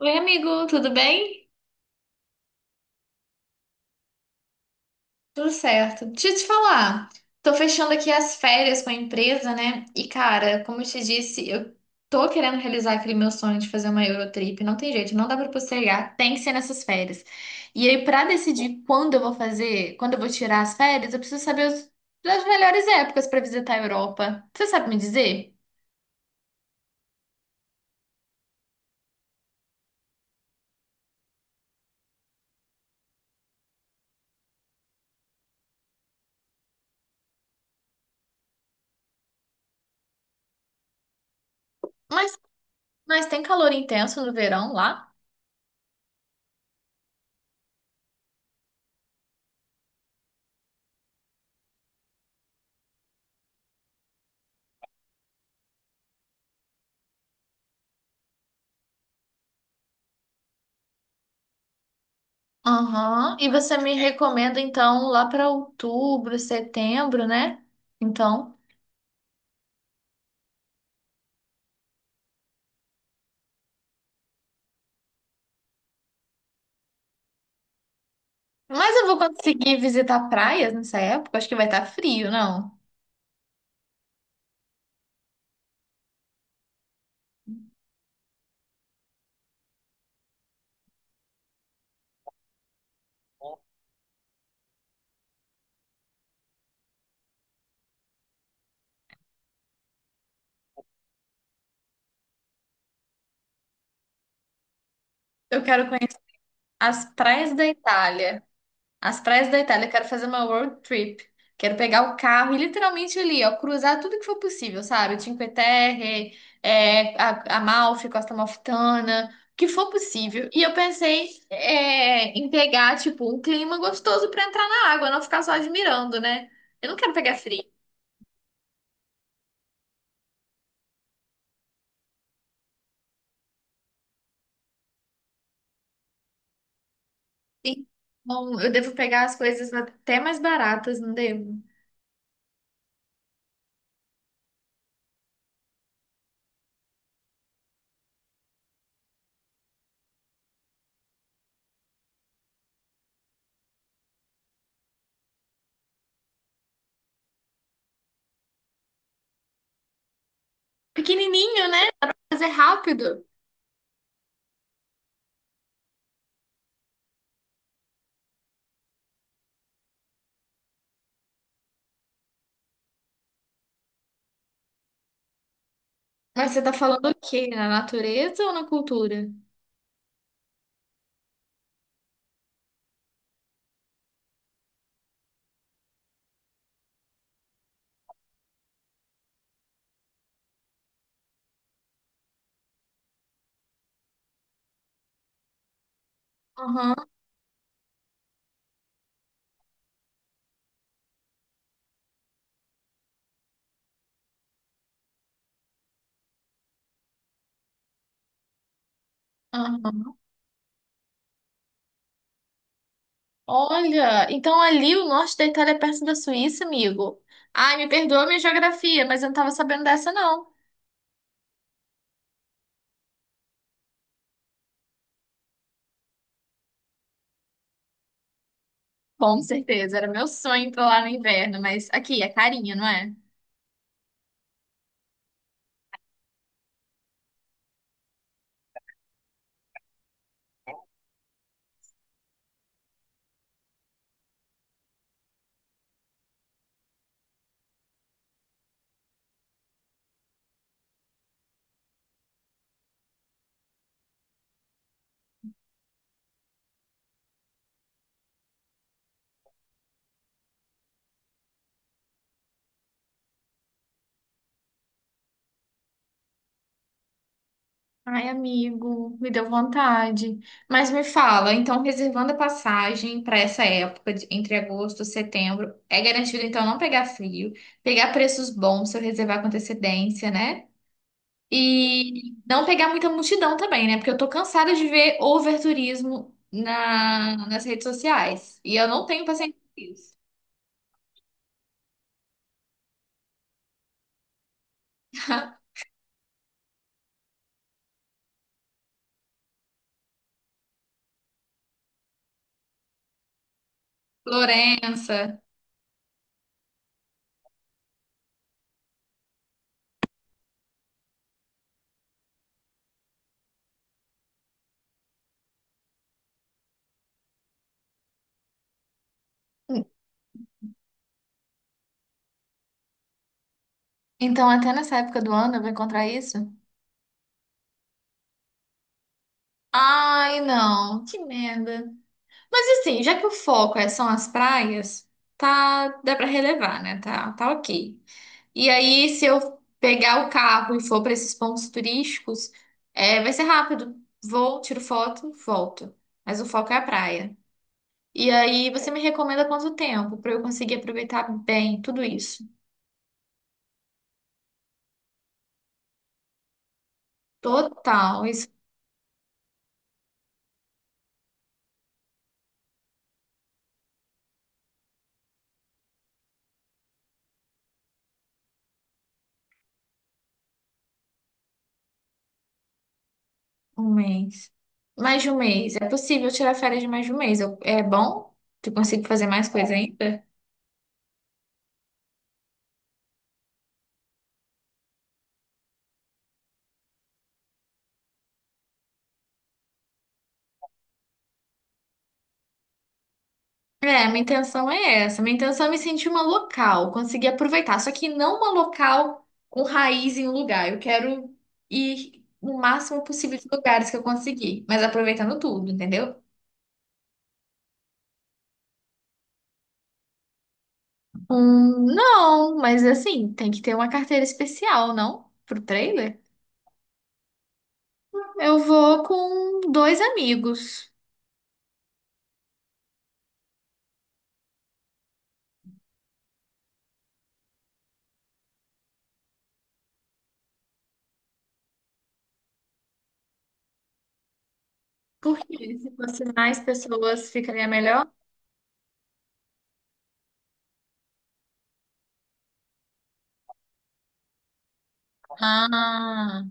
Oi, amigo, tudo bem? Tudo certo. Deixa eu te falar, tô fechando aqui as férias com a empresa, né? E, cara, como eu te disse, eu tô querendo realizar aquele meu sonho de fazer uma Eurotrip. Não tem jeito, não dá pra postergar, tem que ser nessas férias. E aí, pra decidir quando eu vou fazer, quando eu vou tirar as férias, eu preciso saber as melhores épocas pra visitar a Europa. Você sabe me dizer? Mas, mas tem calor intenso no verão lá? Aham. E você me recomenda então lá para outubro, setembro, né? Então. Mas eu vou conseguir visitar praias nessa época? Acho que vai estar frio, não? Eu quero conhecer as praias da Itália. As praias da Itália, quero fazer uma road trip. Quero pegar o carro e literalmente ali, ó, cruzar tudo que for possível, sabe? Cinque Terre, Amalfi, Costa Amalfitana, o que for possível. E eu pensei, em pegar, tipo, um clima gostoso pra entrar na água, não ficar só admirando, né? Eu não quero pegar frio. Sim. Bom, eu devo pegar as coisas até mais baratas, não devo? Pequenininho, né? Dá pra fazer rápido. Mas você tá falando o quê? Na natureza ou na cultura? Aham, aham. Olha, então ali o norte da Itália é perto da Suíça, amigo. Ai, me perdoa a minha geografia, mas eu não tava sabendo dessa, não. Com certeza, era meu sonho ir pra lá no inverno, mas aqui é carinho, não é? Ai, amigo, me deu vontade. Mas me fala, então reservando a passagem para essa época, entre agosto e setembro, é garantido então não pegar frio, pegar preços bons se eu reservar com antecedência, né? E não pegar muita multidão também, né? Porque eu tô cansada de ver overturismo na, nas redes sociais. E eu não tenho paciência com isso. Florença. Então, até nessa época do ano eu vou encontrar isso? Ai, não, que merda. Mas assim, já que o foco são as praias, tá, dá pra relevar, né? Tá, tá ok. E aí, se eu pegar o carro e for para esses pontos turísticos, vai ser rápido. Vou, tiro foto, volto. Mas o foco é a praia. E aí, você me recomenda quanto tempo para eu conseguir aproveitar bem tudo isso? Total, isso, um mês. Mais de um mês. É possível tirar férias de mais de um mês. É bom? Tu consigo fazer mais coisa ainda? É, minha intenção é essa. Minha intenção é me sentir uma local, conseguir aproveitar. Só que não uma local com raiz em um lugar. Eu quero ir no máximo possível de lugares que eu conseguir, mas aproveitando tudo, entendeu? Não, mas assim, tem que ter uma carteira especial, não? Pro trailer? Eu vou com dois amigos. Porque se fosse mais pessoas, ficaria melhor. Ah.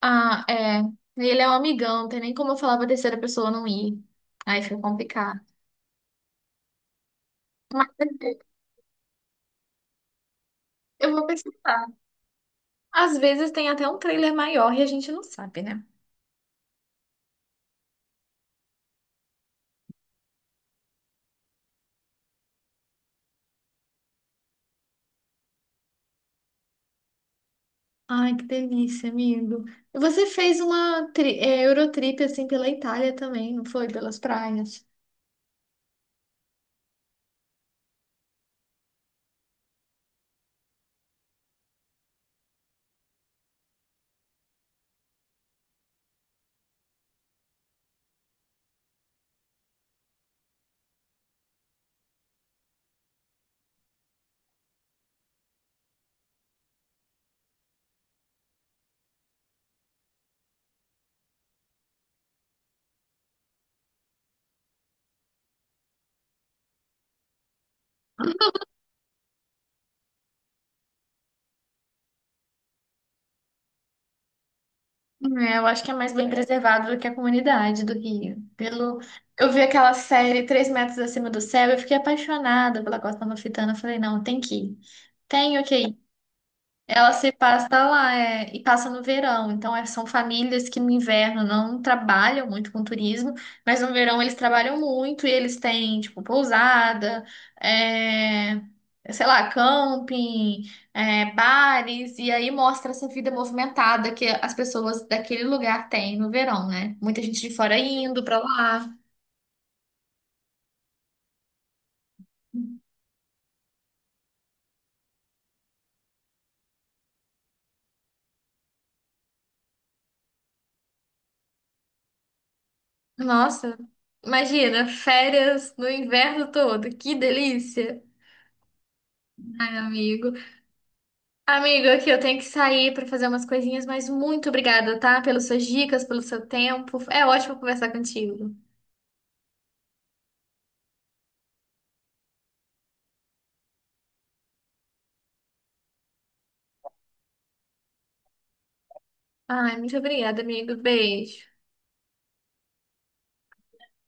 Ah, é. Ele é um amigão, não tem nem como eu falar pra terceira pessoa não ir. Aí fica complicado. Mas é, eu vou pesquisar. Às vezes tem até um trailer maior e a gente não sabe, né? Ai, que delícia, amigo. E você fez uma Eurotrip assim pela Itália também, não foi? Pelas praias. É, eu acho que é mais bem preservado do que a comunidade do Rio. Pelo. Eu vi aquela série Três Metros Acima do Céu, eu fiquei apaixonada pela Costa Amalfitana. Eu falei, não, tem que ir. Tenho que ir. Ela se passa lá, é, e passa no verão. Então, são famílias que no inverno não trabalham muito com turismo, mas no verão eles trabalham muito e eles têm, tipo, pousada, é, sei lá, camping, bares, e aí mostra essa vida movimentada que as pessoas daquele lugar têm no verão, né? Muita gente de fora indo pra lá. Nossa, imagina, férias no inverno todo, que delícia! Ai, amigo. Amigo, aqui eu tenho que sair para fazer umas coisinhas, mas muito obrigada, tá? Pelas suas dicas, pelo seu tempo. É ótimo conversar contigo. Ai, muito obrigada, amigo. Beijo.